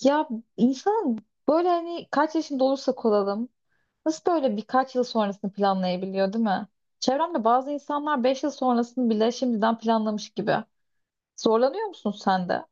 Ya insan böyle hani kaç yaşında olursak olalım nasıl böyle birkaç yıl sonrasını planlayabiliyor değil mi? Çevremde bazı insanlar 5 yıl sonrasını bile şimdiden planlamış gibi. Zorlanıyor musun sen de?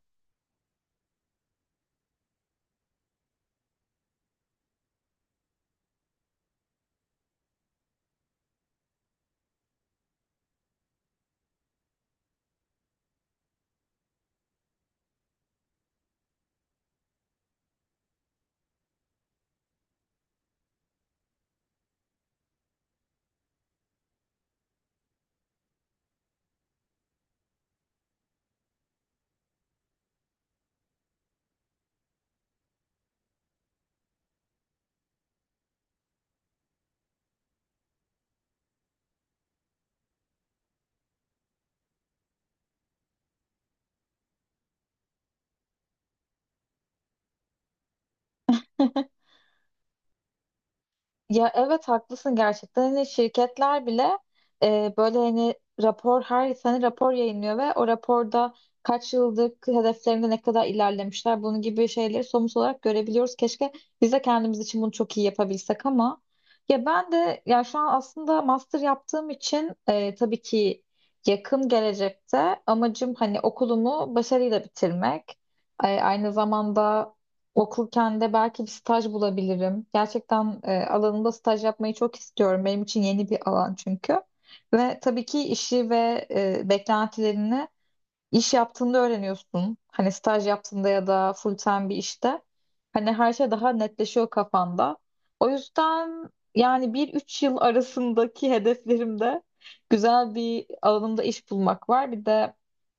Ya evet haklısın, gerçekten hani şirketler bile böyle hani rapor her sene rapor yayınlıyor ve o raporda kaç yıldır hedeflerinde ne kadar ilerlemişler bunun gibi şeyleri somut olarak görebiliyoruz. Keşke biz de kendimiz için bunu çok iyi yapabilsek ama ya ben de, ya şu an aslında master yaptığım için tabii ki yakın gelecekte amacım hani okulumu başarıyla bitirmek. Aynı zamanda okurken de belki bir staj bulabilirim. Gerçekten alanımda staj yapmayı çok istiyorum. Benim için yeni bir alan çünkü. Ve tabii ki işi ve beklentilerini İş yaptığında öğreniyorsun. Hani staj yaptığında ya da full time bir işte. Hani her şey daha netleşiyor kafanda. O yüzden yani bir üç yıl arasındaki hedeflerimde güzel bir alanımda iş bulmak var. Bir de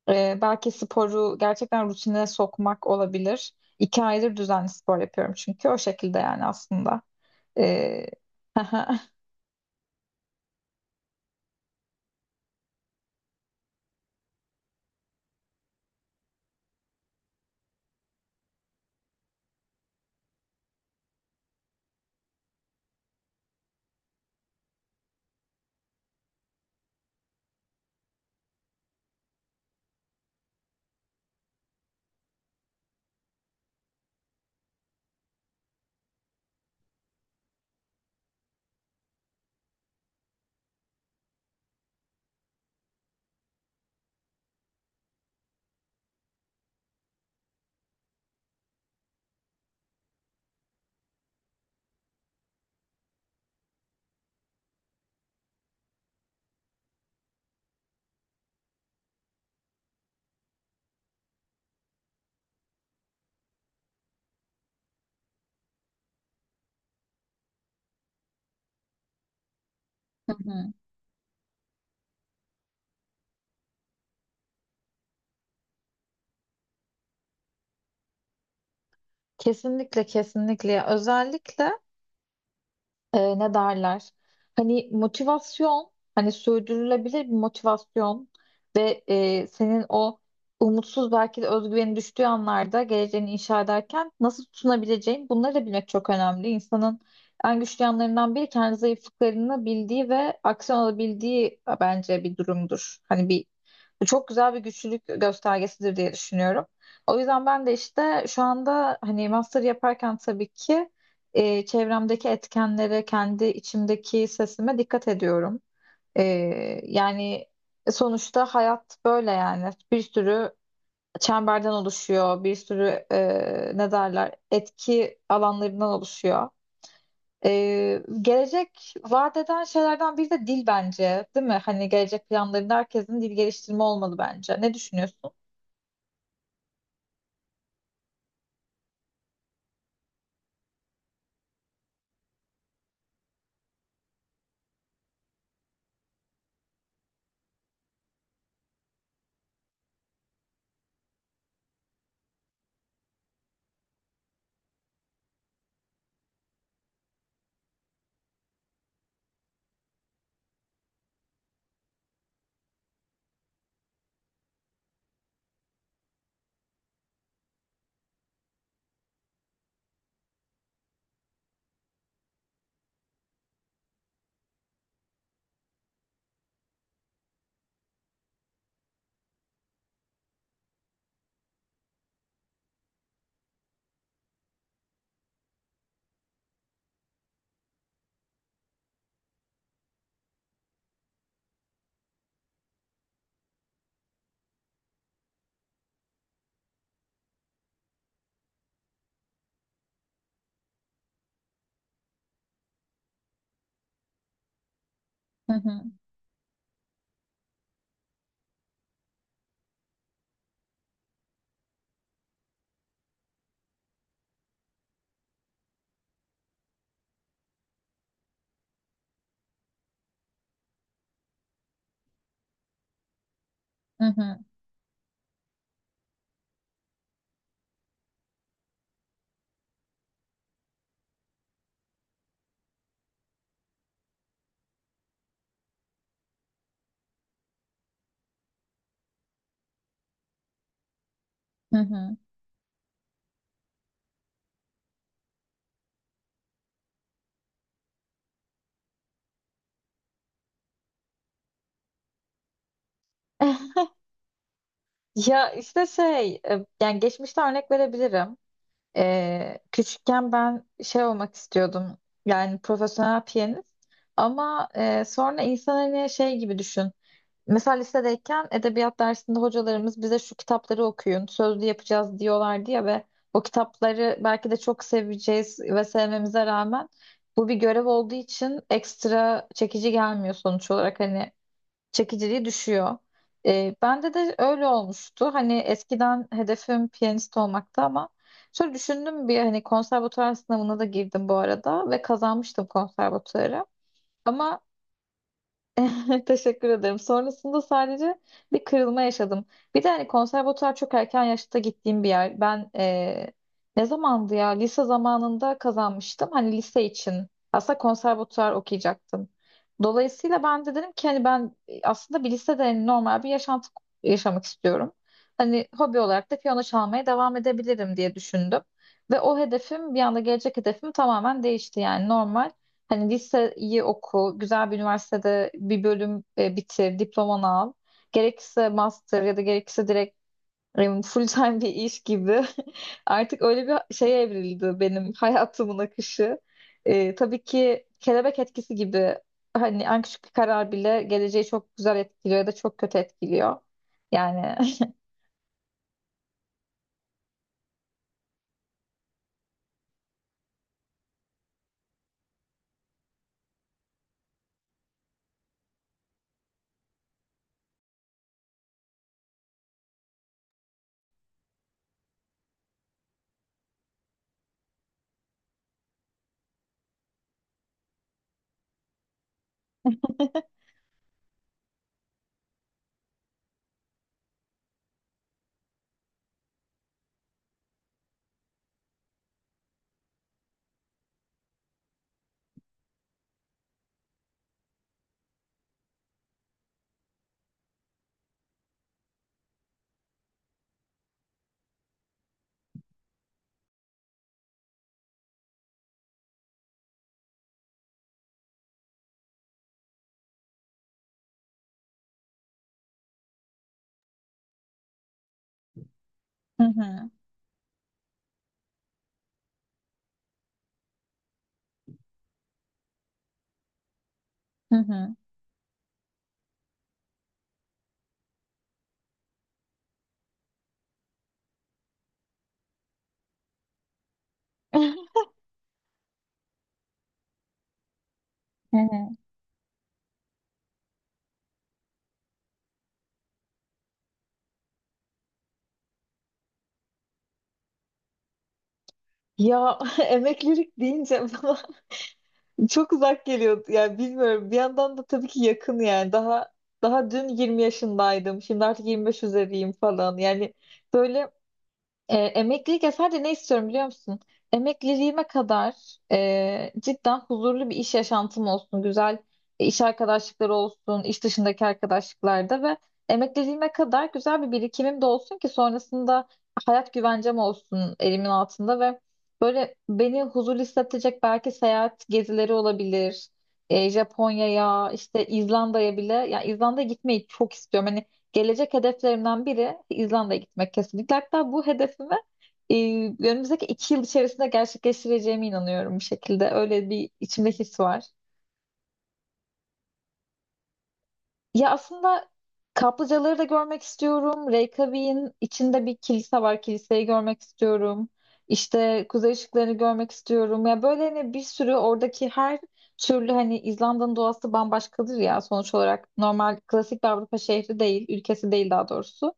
belki sporu gerçekten rutine sokmak olabilir. 2 aydır düzenli spor yapıyorum çünkü o şekilde yani aslında. E, Hı hı. Kesinlikle, kesinlikle. Özellikle ne derler? Hani motivasyon, hani sürdürülebilir bir motivasyon ve senin o umutsuz, belki de özgüveni düştüğü anlarda geleceğini inşa ederken nasıl tutunabileceğin, bunları da bilmek çok önemli. İnsanın en güçlü yanlarından biri kendi zayıflıklarını bildiği ve aksiyon alabildiği bence bir durumdur. Hani bir, bu çok güzel bir güçlülük göstergesidir diye düşünüyorum. O yüzden ben de işte şu anda hani master yaparken tabii ki çevremdeki etkenlere, kendi içimdeki sesime dikkat ediyorum. E, yani sonuçta hayat böyle yani. Bir sürü çemberden oluşuyor, bir sürü ne derler etki alanlarından oluşuyor. Gelecek vaat eden şeylerden biri de dil bence, değil mi? Hani gelecek planlarında herkesin dil geliştirme olmalı bence. Ne düşünüyorsun? Hı hı, hı hı, hı hı. Ya işte şey, yani geçmişte örnek verebilirim. Küçükken ben şey olmak istiyordum, yani profesyonel piyanist, ama sonra insan hani şey gibi düşün. Mesela lisedeyken edebiyat dersinde hocalarımız bize şu kitapları okuyun, sözlü yapacağız diyorlardı ya ve o kitapları belki de çok seveceğiz ve sevmemize rağmen bu bir görev olduğu için ekstra çekici gelmiyor sonuç olarak. Hani çekiciliği düşüyor. Bende de öyle olmuştu. Hani eskiden hedefim piyanist olmaktı ama şöyle düşündüm: bir hani konservatuvar sınavına da girdim bu arada ve kazanmıştım konservatuvarı. Ama teşekkür ederim. Sonrasında sadece bir kırılma yaşadım. Bir de hani konservatuar çok erken yaşta gittiğim bir yer. Ben ne zamandı ya? Lise zamanında kazanmıştım. Hani lise için. Aslında konservatuar okuyacaktım. Dolayısıyla ben de dedim ki hani ben aslında bir lisede hani normal bir yaşantı yaşamak istiyorum. Hani hobi olarak da piyano çalmaya devam edebilirim diye düşündüm. Ve o hedefim bir anda, gelecek hedefim tamamen değişti yani, normal. Hani liseyi oku, güzel bir üniversitede bir bölüm bitir, diplomanı al. Gerekirse master ya da gerekirse direkt full time bir iş gibi. Artık öyle bir şeye evrildi benim hayatımın akışı. Tabii ki kelebek etkisi gibi hani en küçük bir karar bile geleceği çok güzel etkiliyor ya da çok kötü etkiliyor. Yani hı hı, hı hı. Hı hı. Ya emeklilik deyince çok uzak geliyor. Yani bilmiyorum. Bir yandan da tabii ki yakın yani. Daha dün 20 yaşındaydım. Şimdi artık 25 üzeriyim falan. Yani böyle emeklilik ya, sadece ne istiyorum biliyor musun? Emekliliğime kadar cidden huzurlu bir iş yaşantım olsun, güzel iş arkadaşlıkları olsun, iş dışındaki arkadaşlıklarda, ve emekliliğime kadar güzel bir birikimim de olsun ki sonrasında hayat güvencem olsun elimin altında ve böyle beni huzurlu hissettirecek belki seyahat gezileri olabilir. Japonya'ya, işte İzlanda'ya bile, ya İzlanda'ya gitmeyi çok istiyorum. Hani gelecek hedeflerimden biri İzlanda'ya gitmek kesinlikle. Hatta bu hedefimi e, önümüzdeki 2 yıl içerisinde gerçekleştireceğime inanıyorum bir şekilde. Öyle bir içimde his var. Ya aslında kaplıcaları da görmek istiyorum. Reykjavik'in içinde bir kilise var. Kiliseyi görmek istiyorum. İşte kuzey ışıklarını görmek istiyorum. Ya böyle hani bir sürü oradaki her türlü, hani İzlanda'nın doğası bambaşkadır ya sonuç olarak. Normal klasik bir Avrupa şehri değil, ülkesi değil daha doğrusu.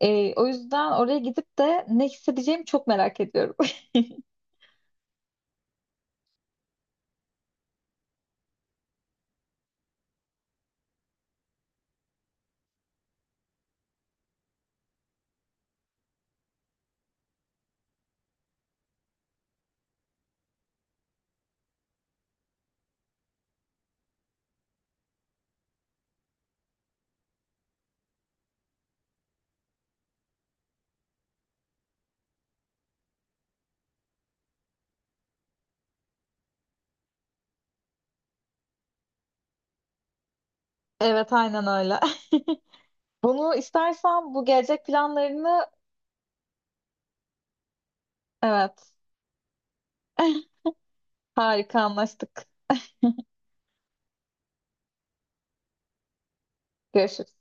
O yüzden oraya gidip de ne hissedeceğimi çok merak ediyorum. Evet, aynen öyle. Bunu istersen bu gelecek planlarını, evet. Harika, anlaştık. Görüşürüz.